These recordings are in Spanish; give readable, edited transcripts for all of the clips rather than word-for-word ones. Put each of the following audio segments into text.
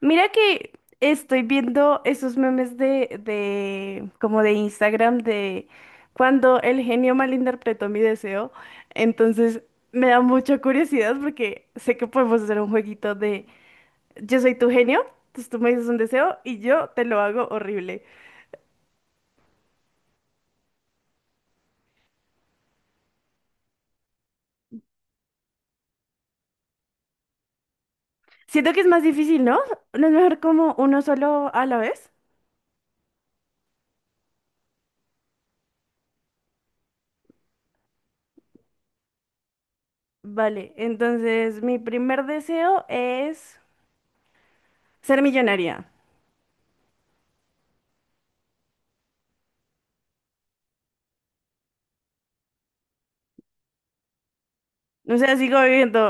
Mira que estoy viendo esos memes como de Instagram de cuando el genio malinterpretó mi deseo. Entonces me da mucha curiosidad porque sé que podemos hacer un jueguito de yo soy tu genio, entonces tú me dices un deseo y yo te lo hago horrible. Siento que es más difícil, ¿no? ¿No es mejor como uno solo a la vez? Vale, entonces mi primer deseo es ser millonaria. O sea, sigo viviendo.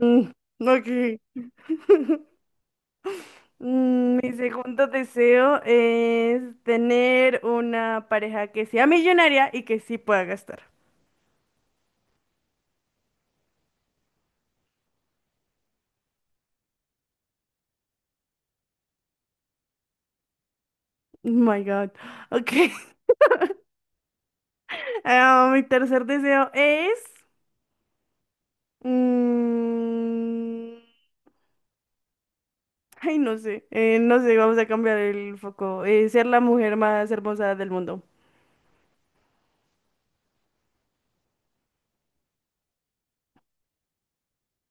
Mm, ok. Mi segundo deseo es tener una pareja que sea millonaria y que sí pueda gastar. Oh my God. Ok. Ah, mi tercer deseo es... mm, Ay, no sé. No sé, vamos a cambiar el foco. Ser la mujer más hermosa del mundo.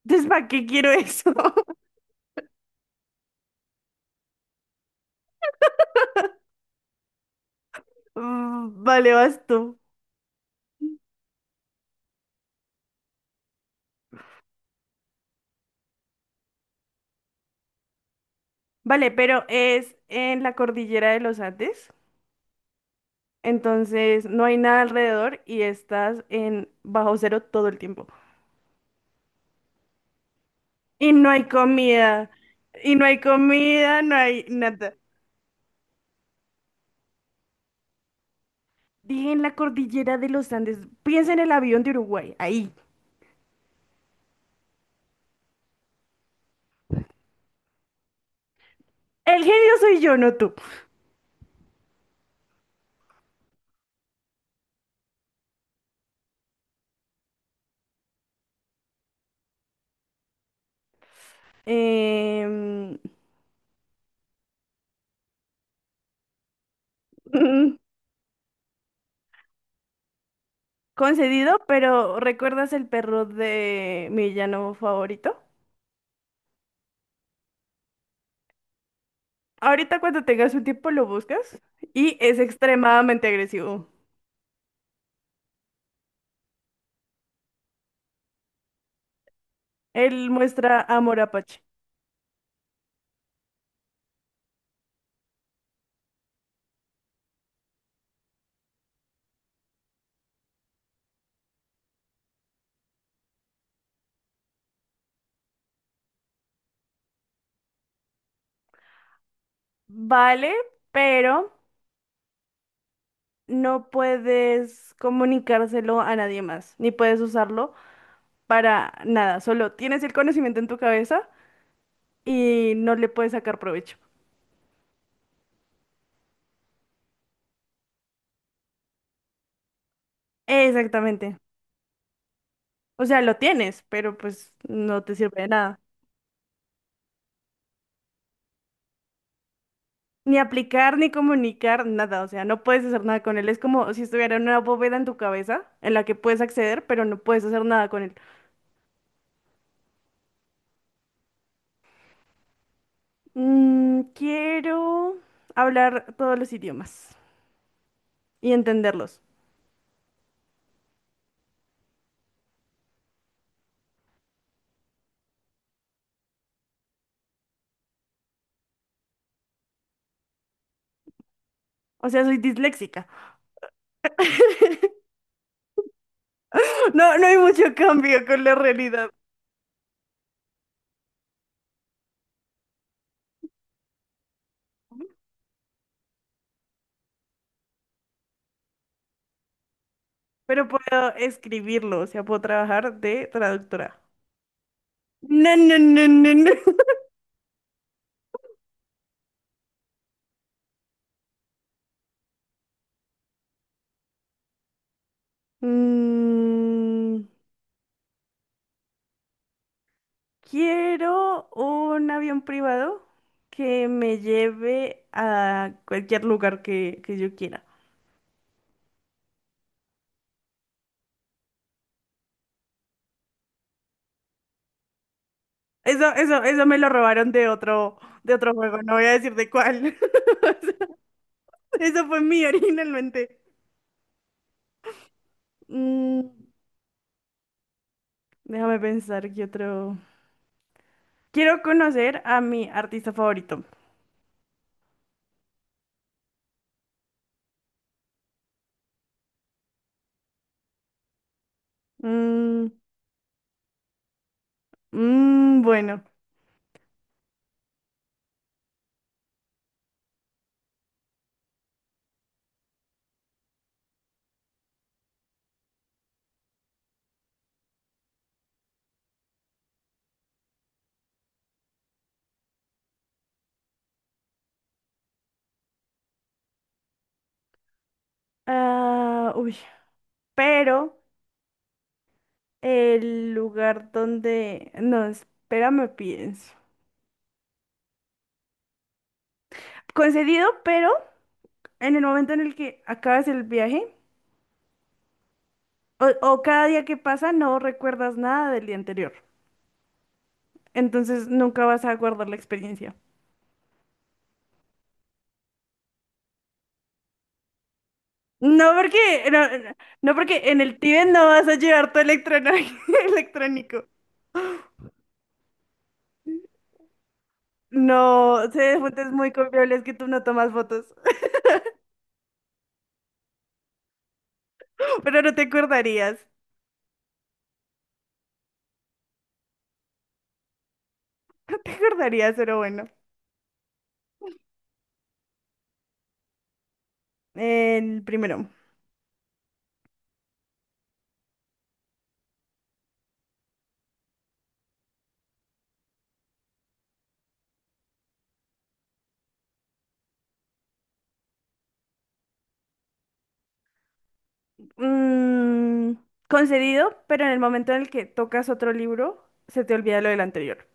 Entonces, ¿para qué quiero eso? Vale, vas tú. Vale, pero es en la cordillera de los Andes. Entonces no hay nada alrededor y estás en bajo cero todo el tiempo. Y no hay comida. Y no hay comida, no hay nada. Dije en la cordillera de los Andes. Piensa en el avión de Uruguay. Ahí. El genio soy yo, no tú. Em, mm, concedido, pero ¿recuerdas el perro de mi villano favorito? Ahorita cuando tengas un tiempo lo buscas y es extremadamente agresivo. Él muestra amor apache. Vale, pero no puedes comunicárselo a nadie más, ni puedes usarlo para nada, solo tienes el conocimiento en tu cabeza y no le puedes sacar provecho. Exactamente. O sea, lo tienes, pero pues no te sirve de nada. Ni aplicar, ni comunicar, nada. O sea, no puedes hacer nada con él. Es como si estuviera una bóveda en tu cabeza en la que puedes acceder, pero no puedes hacer nada con él. Quiero hablar todos los idiomas y entenderlos. O sea, soy disléxica. No, no hay mucho cambio con la realidad, pero puedo escribirlo, o sea, puedo trabajar de traductora. No, no, no, no, no. Mm, Quiero un avión privado que me lleve a cualquier lugar que yo quiera. Eso me lo robaron de otro juego, no voy a decir de cuál. Eso fue mío originalmente. Mm, Déjame pensar qué otro. Quiero conocer a mi artista favorito. Mm, mm, bueno. Ah, uy. Pero el lugar donde... No, espérame, pienso. Concedido, pero en el momento en el que acabas el viaje o cada día que pasa no recuerdas nada del día anterior. Entonces nunca vas a guardar la experiencia. No porque, no, no porque en el Tíbet no vas a llevar tu electrono- electrónico. No, sé de fuentes muy confiables que tú no tomas fotos, pero no te acordarías. No te acordarías, pero bueno. El primero. Mm, Concedido, pero en el momento en el que tocas otro libro, se te olvida lo del anterior.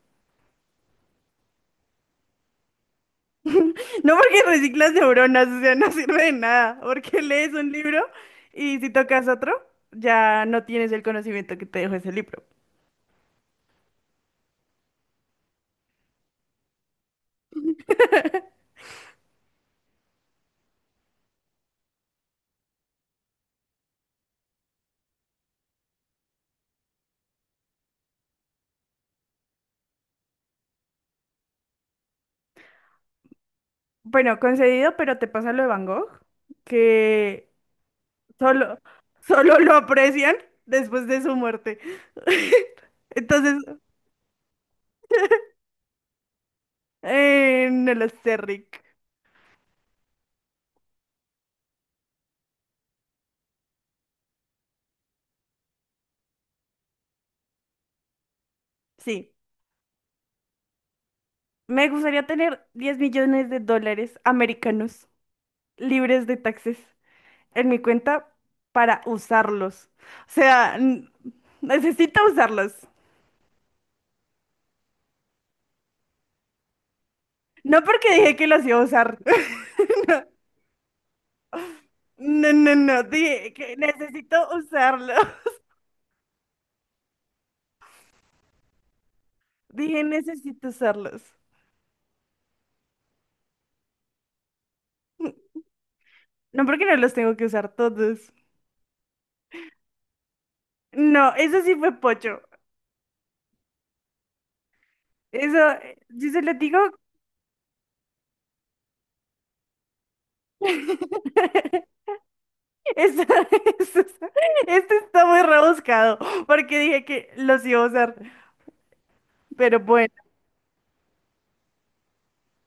No porque reciclas neuronas, o sea, no sirve de nada, porque lees un libro y si tocas otro, ya no tienes el conocimiento que te dejó ese libro. Bueno, concedido, pero te pasa lo de Van Gogh, que solo, solo lo aprecian después de su muerte. Entonces, no lo sé, Rick. Sí. Me gustaría tener 10 millones de dólares americanos libres de taxes en mi cuenta para usarlos. O sea, necesito usarlos. No porque dije que los iba a usar. No, no, no. Dije que necesito usarlos. Dije necesito usarlos. No porque no los tengo que usar todos. No, eso sí fue pocho. Eso, yo se lo digo, esto, esto, está esto está muy rebuscado, porque dije que los iba a usar, pero bueno,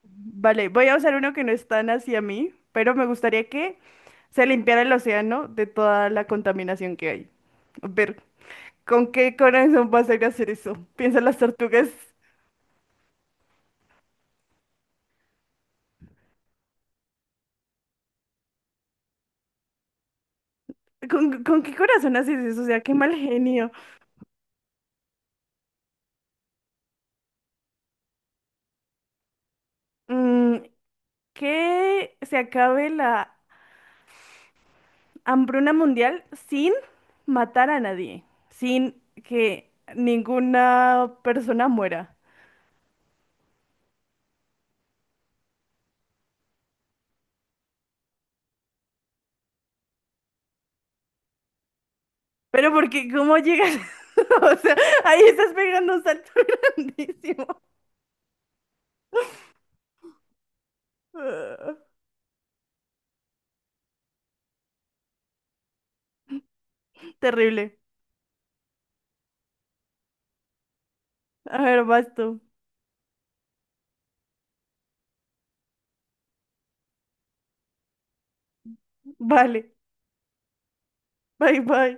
vale, voy a usar uno que no es tan hacia mí, pero me gustaría que se limpiara el océano de toda la contaminación que hay. A ver, ¿con qué corazón vas a ir a hacer eso? Piensa en las tortugas. ¿Con qué corazón haces eso? O sea, qué mal genio. Mm, que se acabe la hambruna mundial sin matar a nadie, sin que ninguna persona muera. Pero porque, ¿cómo llegas? O sea, ahí estás pegando un salto grandísimo. Ah, terrible. A ver, vas tú. Vale. Bye, bye.